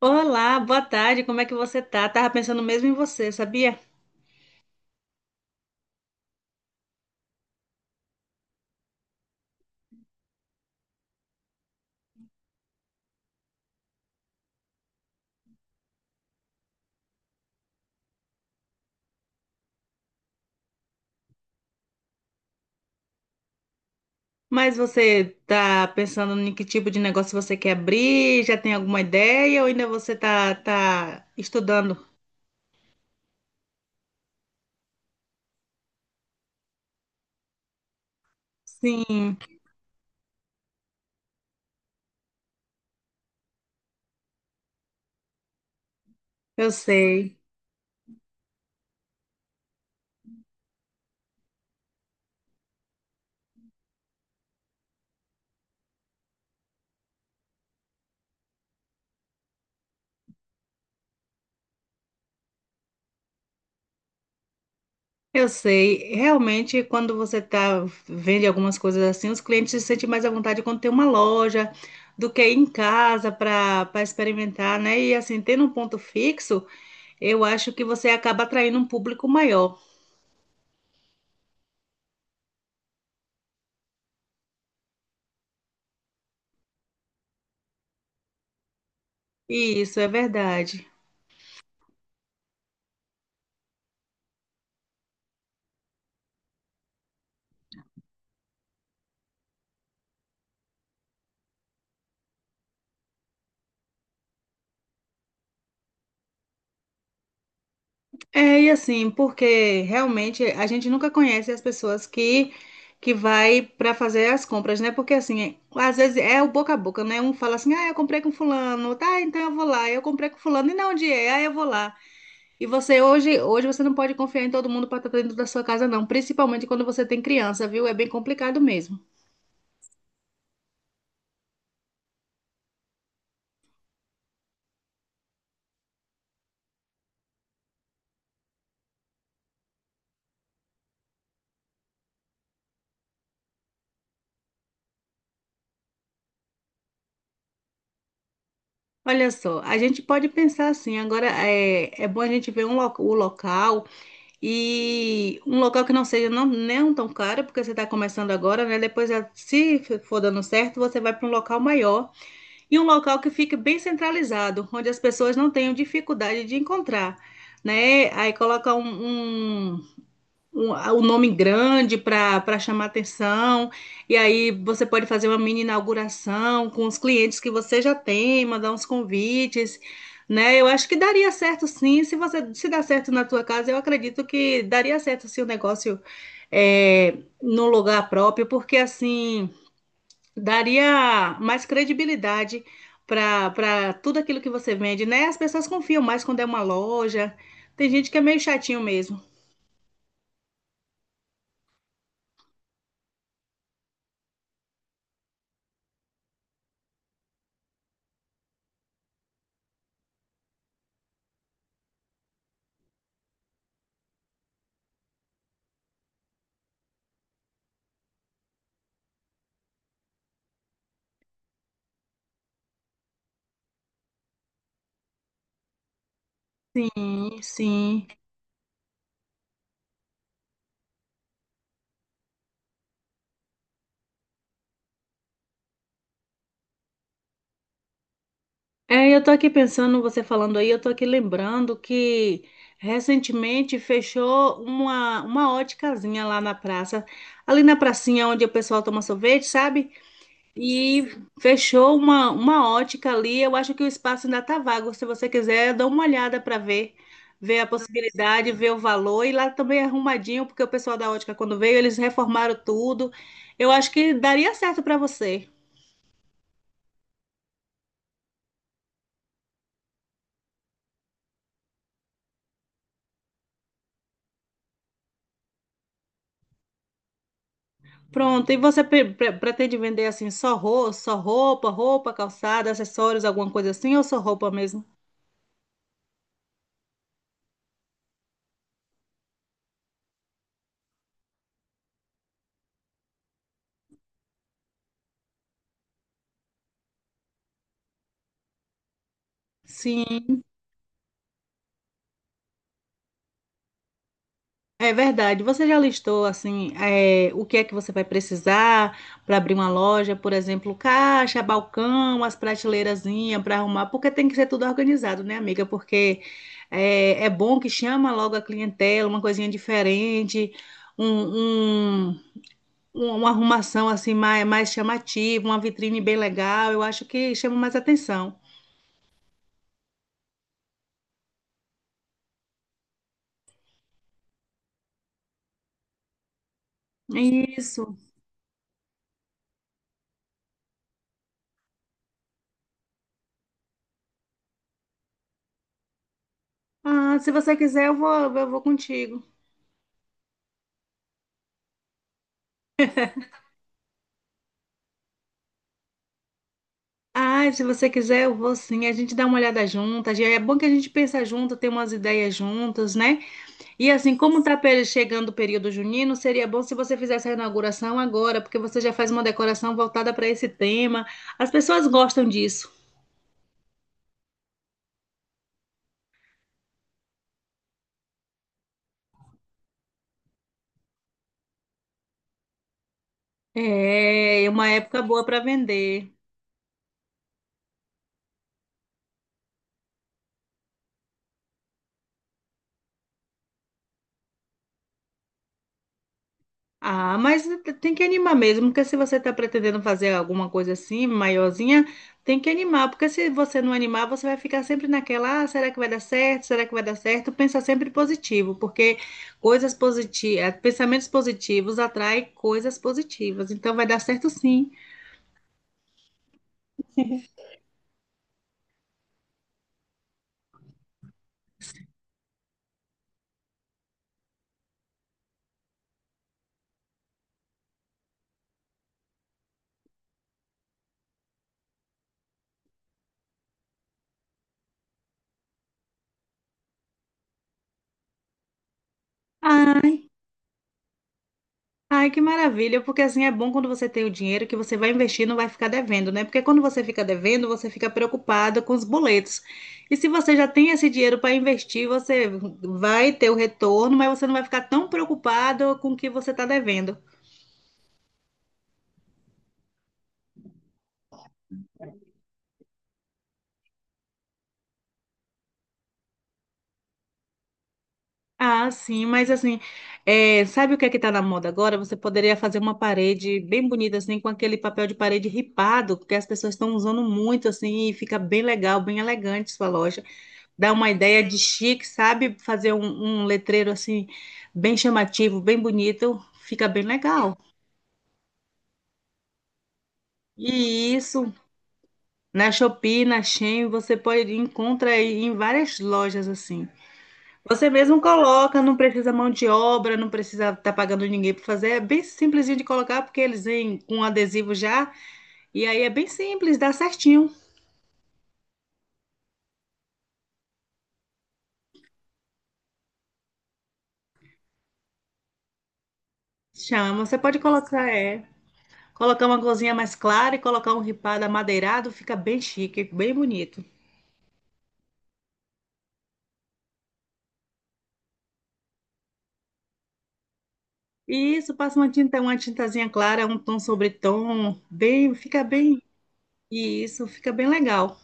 Olá, boa tarde, como é que você tá? Tava pensando mesmo em você, sabia? Mas você tá pensando em que tipo de negócio você quer abrir? Já tem alguma ideia ou ainda você tá estudando? Sim, eu sei. Eu sei. Realmente, quando você tá vende algumas coisas assim, os clientes se sentem mais à vontade quando tem uma loja do que ir em casa para experimentar, né? E assim, tendo um ponto fixo, eu acho que você acaba atraindo um público maior. E isso é verdade. É, e assim, porque realmente a gente nunca conhece as pessoas que vai para fazer as compras, né? Porque assim, às vezes é o boca a boca, né? Um fala assim: "Ah, eu comprei com fulano". Tá, então eu vou lá. Eu comprei com fulano e não onde é? Ah, eu vou lá. E você hoje você não pode confiar em todo mundo para estar dentro da sua casa não, principalmente quando você tem criança, viu? É bem complicado mesmo. Olha só, a gente pode pensar assim, agora é bom a gente ver o local. E um local que não seja não tão caro, porque você está começando agora, né? Depois, se for dando certo, você vai para um local maior e um local que fique bem centralizado, onde as pessoas não tenham dificuldade de encontrar, né? Aí coloca o nome grande para chamar atenção. E aí você pode fazer uma mini inauguração com os clientes que você já tem, mandar uns convites, né? Eu acho que daria certo sim. Se você se dá certo na tua casa, eu acredito que daria certo se o negócio é, num lugar próprio, porque assim daria mais credibilidade. Para tudo aquilo que você vende, né? As pessoas confiam mais quando é uma loja. Tem gente que é meio chatinho mesmo. Sim, sim. É, eu tô aqui pensando, você falando aí, eu tô aqui lembrando que recentemente fechou uma óticazinha lá na praça, ali na pracinha onde o pessoal toma sorvete, sabe? E fechou uma ótica ali, eu acho que o espaço ainda tá vago, se você quiser, dá uma olhada para ver, ver a possibilidade, ver o valor, e lá também é arrumadinho, porque o pessoal da ótica quando veio, eles reformaram tudo, eu acho que daria certo para você. Pronto, e você pretende vender assim só roupa, roupa, calçada, acessórios, alguma coisa assim, ou só roupa mesmo? Sim, é verdade. Você já listou assim, é, o que é que você vai precisar para abrir uma loja, por exemplo, caixa, balcão, as prateleirazinhas para arrumar, porque tem que ser tudo organizado, né, amiga? Porque é bom que chama logo a clientela, uma coisinha diferente, um, um- uma arrumação assim mais chamativa, uma vitrine bem legal, eu acho que chama mais atenção. Isso. Ah, se você quiser, eu vou contigo. Ah, se você quiser, eu vou sim. A gente dá uma olhada juntas. É bom que a gente pensa junto, tem umas ideias juntas, né? E assim, como chegando o período junino, seria bom se você fizesse a inauguração agora, porque você já faz uma decoração voltada para esse tema. As pessoas gostam disso. É, é uma época boa para vender. Ah, mas tem que animar mesmo, porque se você está pretendendo fazer alguma coisa assim, maiorzinha, tem que animar, porque se você não animar, você vai ficar sempre naquela, ah, será que vai dar certo? Será que vai dar certo? Pensa sempre positivo, porque coisas positivas, pensamentos positivos atraem coisas positivas, então vai dar certo sim. Ah, ai, que maravilha, porque assim é bom quando você tem o dinheiro que você vai investir e não vai ficar devendo, né? Porque quando você fica devendo, você fica preocupada com os boletos. E se você já tem esse dinheiro para investir, você vai ter o retorno, mas você não vai ficar tão preocupado com o que você está devendo. Ah, sim, mas assim, é, sabe o que é que tá na moda agora? Você poderia fazer uma parede bem bonita, assim, com aquele papel de parede ripado, que as pessoas estão usando muito, assim, e fica bem legal, bem elegante sua loja. Dá uma ideia de chique, sabe? Fazer um letreiro assim, bem chamativo, bem bonito, fica bem legal. E isso, na Shopee, na Shein, você pode encontrar aí em várias lojas assim. Você mesmo coloca, não precisa mão de obra, não precisa estar pagando ninguém para fazer. É bem simplesinho de colocar, porque eles vêm com adesivo já. E aí é bem simples, dá certinho. Chama, você pode colocar, é. Colocar uma cozinha mais clara e colocar um ripado amadeirado, fica bem chique, bem bonito. Isso, passa uma tinta, uma tintazinha clara, um tom sobre tom, bem, fica bem, e isso fica bem legal.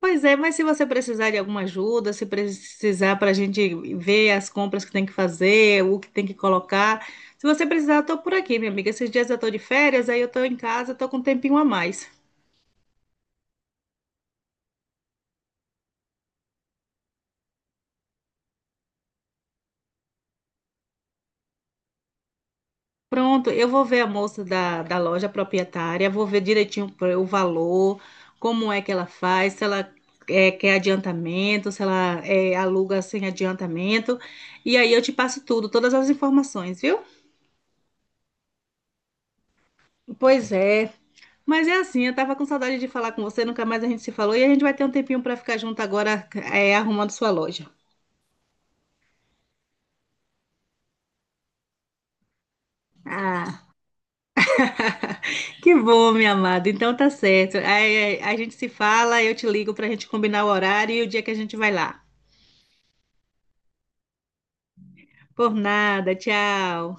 Pois é, mas se você precisar de alguma ajuda, se precisar para a gente ver as compras que tem que fazer, o que tem que colocar, se você precisar, eu tô por aqui, minha amiga. Esses dias eu tô de férias, aí eu tô em casa, tô com um tempinho a mais. Pronto, eu vou ver a moça da loja proprietária, vou ver direitinho o valor, como é que ela faz, se ela quer adiantamento, se ela aluga sem adiantamento. E aí eu te passo tudo, todas as informações, viu? Pois é. Mas é assim, eu tava com saudade de falar com você, nunca mais a gente se falou e a gente vai ter um tempinho para ficar junto agora, arrumando sua loja. Ah, que bom, minha amada. Então tá certo. Aí, a gente se fala, eu te ligo pra gente combinar o horário e o dia que a gente vai lá. Por nada, tchau.